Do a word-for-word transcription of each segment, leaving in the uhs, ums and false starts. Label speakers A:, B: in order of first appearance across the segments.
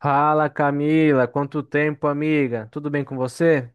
A: Fala Camila, quanto tempo, amiga? Tudo bem com você?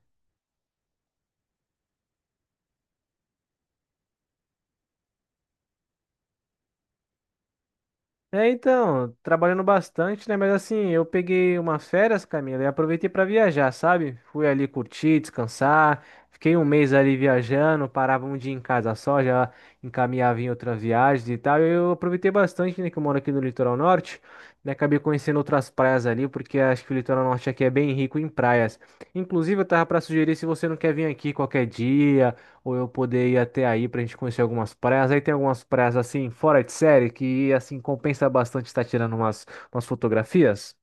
A: É, então, trabalhando bastante, né? Mas assim, eu peguei umas férias, Camila, e aproveitei para viajar, sabe? Fui ali curtir, descansar. Fiquei um mês ali viajando, parava um dia em casa só, já encaminhava em outras viagens e tal. Eu aproveitei bastante, né? Que eu moro aqui no litoral norte, né? Acabei conhecendo outras praias ali, porque acho que o litoral norte aqui é bem rico em praias. Inclusive, eu tava para sugerir se você não quer vir aqui qualquer dia, ou eu poder ir até aí pra gente conhecer algumas praias. Aí tem algumas praias assim, fora de série, que assim compensa bastante estar tirando umas, umas fotografias.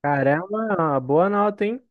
A: Caramba, boa nota, hein?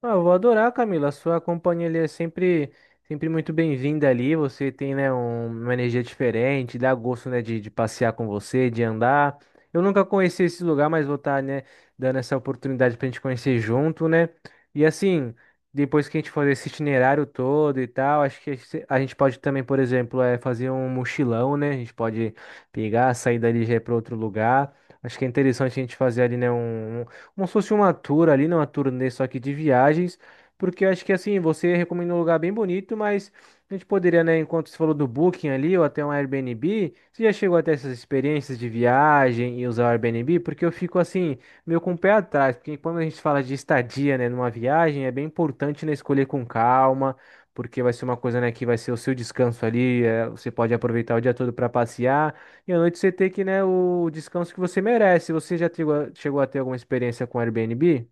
A: Ah, eu vou adorar, Camila. A sua companhia ali é sempre, sempre muito bem-vinda ali. Você tem, né, um- uma energia diferente, dá gosto, né, de, de passear com você, de andar. Eu nunca conheci esse lugar, mas vou estar, né, dando essa oportunidade pra gente conhecer junto, né? E assim, depois que a gente fazer esse itinerário todo e tal, acho que esse- a gente pode também, por exemplo, é fazer um mochilão, né? A gente pode pegar, sair dali já ir para outro lugar. Acho que é interessante a gente fazer ali, né, um. um como se fosse uma tour ali, né? Uma turnê só que de viagens, porque eu acho que assim, você recomenda um lugar bem bonito, mas a gente poderia, né, enquanto você falou do Booking ali, ou até um Airbnb, você já chegou até essas experiências de viagem e usar o Airbnb? Porque eu fico assim, meio com o pé atrás, porque quando a gente fala de estadia, né, numa viagem, é bem importante, né, escolher com calma porque vai ser uma coisa, né, que vai ser o seu descanso ali, eh, você pode aproveitar o dia todo para passear, e à noite você ter que, né, o descanso que você merece. Você já chegou a chegou a ter alguma experiência com Airbnb?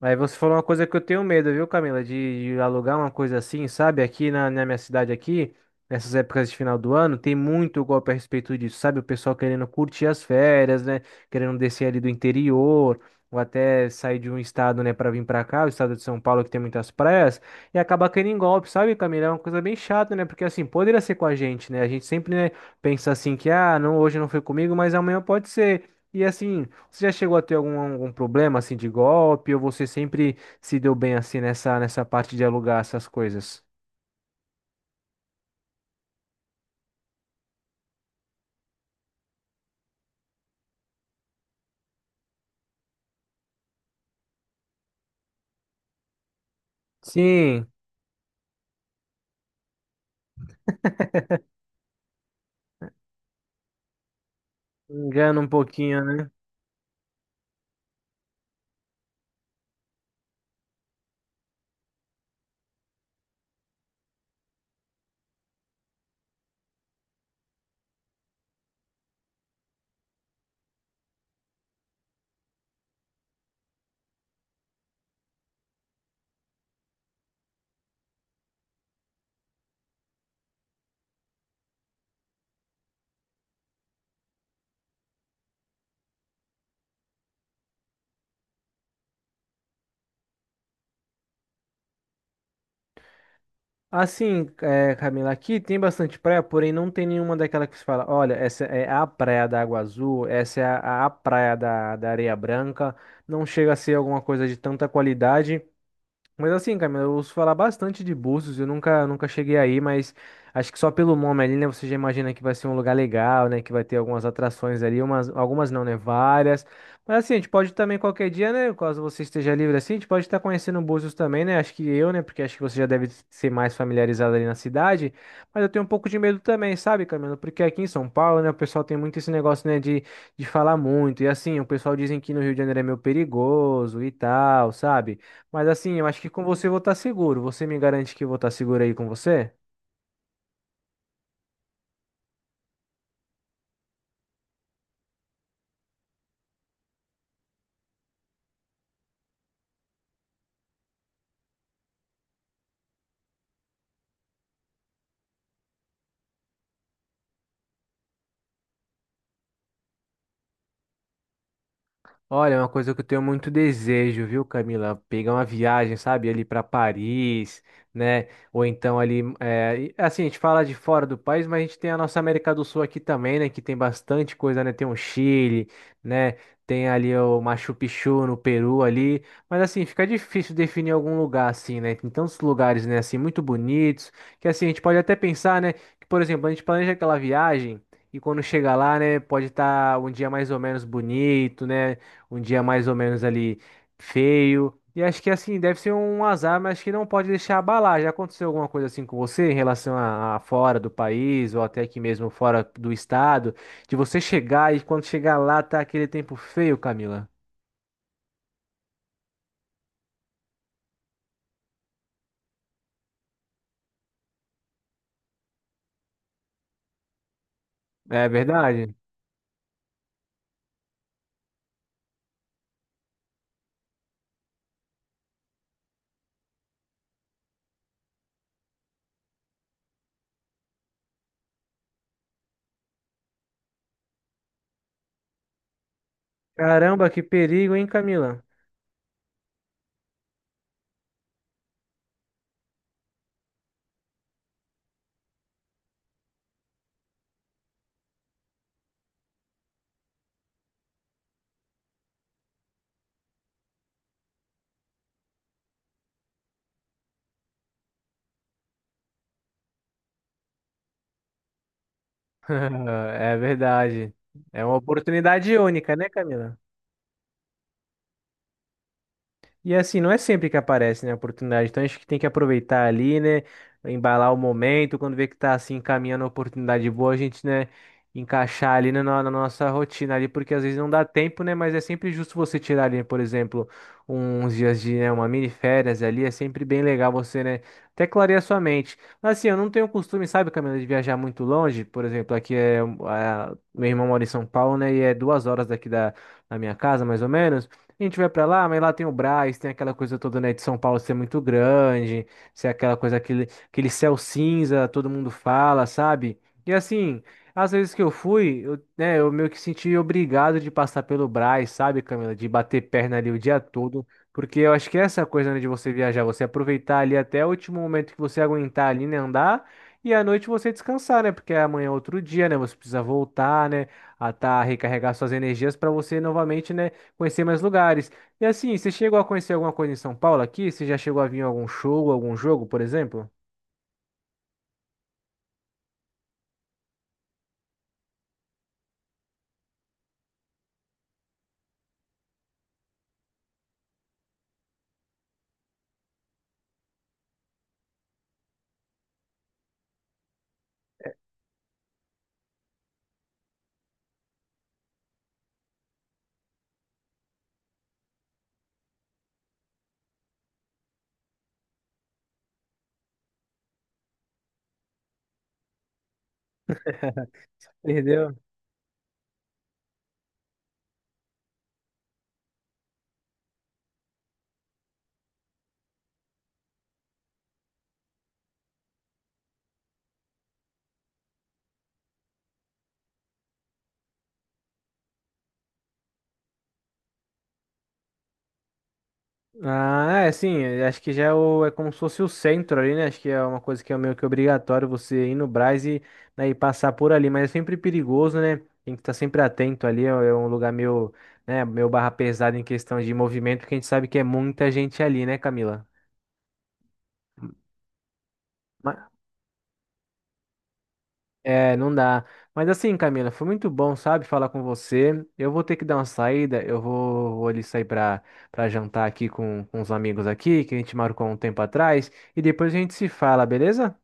A: Aí você falou uma coisa que eu tenho medo, viu, Camila? De, de alugar uma coisa assim, sabe? Aqui na, na minha cidade aqui, nessas épocas de final do ano, tem muito golpe a respeito disso, sabe? O pessoal querendo curtir as férias, né? Querendo descer ali do interior, ou até sair de um estado, né, para vir para cá, o estado de São Paulo, que tem muitas praias, e acabar caindo em golpe, sabe, Camila? É uma coisa bem chata, né? Porque assim, poderia ser com a gente, né? A gente sempre, né, pensa assim que, ah, não, hoje não foi comigo, mas amanhã pode ser. E assim. Você já chegou a ter algum, algum problema assim de golpe ou você sempre se deu bem assim nessa nessa parte de alugar essas coisas? Sim, engana um pouquinho, né? Assim, é, Camila, aqui tem bastante praia, porém não tem nenhuma daquela que se fala, olha, essa é a praia da Água Azul, essa é a, a praia da, da Areia Branca, não chega a ser alguma coisa de tanta qualidade. Mas assim, Camila, eu ouço falar bastante de Búzios, eu nunca, nunca cheguei aí, mas acho que só pelo nome ali, né, você já imagina que vai ser um lugar legal, né, que vai ter algumas atrações ali, umas, algumas não, né, várias. Mas assim, a gente pode também qualquer dia, né, caso você esteja livre assim, a gente pode estar conhecendo Búzios também, né, acho que eu, né, porque acho que você já deve ser mais familiarizado ali na cidade, mas eu tenho um pouco de medo também, sabe, Camila, porque aqui em São Paulo, né, o pessoal tem muito esse negócio, né, de, de falar muito, e assim, o pessoal dizem que no Rio de Janeiro é meio perigoso e tal, sabe? Mas assim, eu acho que com você eu vou estar seguro. Você me garante que eu vou estar seguro aí com você? Olha, é uma coisa que eu tenho muito desejo, viu, Camila? Pegar uma viagem, sabe, ali para Paris, né? Ou então ali, é, e, assim, a gente fala de fora do país, mas a gente tem a nossa América do Sul aqui também, né? Que tem bastante coisa, né? Tem o Chile, né? Tem ali o Machu Picchu no Peru ali, mas assim, fica difícil definir algum lugar assim, né? Tem tantos lugares, né, assim, muito bonitos, que assim, a gente pode até pensar, né, que, por exemplo, a gente planeja aquela viagem e quando chega lá, né, pode estar um dia mais ou menos bonito, né? um dia mais ou menos ali feio. E acho que assim, deve ser um azar, mas que não pode deixar abalar. Já aconteceu alguma coisa assim com você em relação a, a fora do país ou até aqui mesmo fora do estado, de você chegar e quando chegar lá tá aquele tempo feio, Camila? É verdade? Caramba, que perigo, hein, Camila? É verdade. É uma oportunidade única, né, Camila? E assim, não é sempre que aparece, né, a oportunidade. Então acho que tem que aproveitar ali, né, embalar o momento, quando vê que tá assim encaminhando a oportunidade boa, a gente, né, encaixar ali na, no- na nossa rotina ali, porque às vezes não dá tempo, né, mas é sempre justo você tirar ali, por exemplo, uns dias de, né, uma mini férias ali, é sempre bem legal você, né, até clarear sua mente. Mas assim, eu não tenho costume, sabe, Camila, de viajar muito longe, por exemplo, aqui é, a, meu irmão mora em São Paulo, né, e é duas horas daqui da, da minha casa, mais ou menos. A gente vai pra lá, mas lá tem o Brás, tem aquela coisa toda, né, de São Paulo ser muito grande, ser aquela coisa, aquele, aquele céu cinza, todo mundo fala, sabe? E assim, às vezes que eu fui, eu, né, eu meio que senti obrigado de passar pelo Brás, sabe, Camila? De bater perna ali o dia todo, porque eu acho que é essa coisa, né, de você viajar, você aproveitar ali até o último momento que você aguentar ali, né, andar, e à noite você descansar, né, porque amanhã é outro dia, né, você precisa voltar, né, a tá, recarregar suas energias para você novamente, né, conhecer mais lugares. E assim, você chegou a conhecer alguma coisa em São Paulo aqui? Você já chegou a vir em algum show, algum jogo, por exemplo? Perdeu? Ah, é sim, eu acho que já é, o- é como se fosse o centro ali, né? Acho que é uma coisa que é meio que obrigatório você ir no Brás e, né, e passar por ali, mas é sempre perigoso, né? Tem que estar sempre atento ali, é é um lugar meio, né, meio barra pesada em questão de movimento, porque a gente sabe que é muita gente ali, né, Camila? É, não dá. Mas assim, Camila, foi muito bom, sabe, falar com você. Eu vou ter que dar uma saída, eu vou, vou ali sair pra, pra jantar aqui com, com os amigos aqui, que a gente marcou um tempo atrás, e depois a gente se fala, beleza?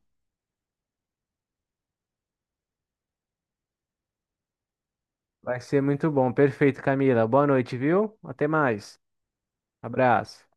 A: Vai ser muito bom. Perfeito, Camila. Boa noite, viu? Até mais. Abraço.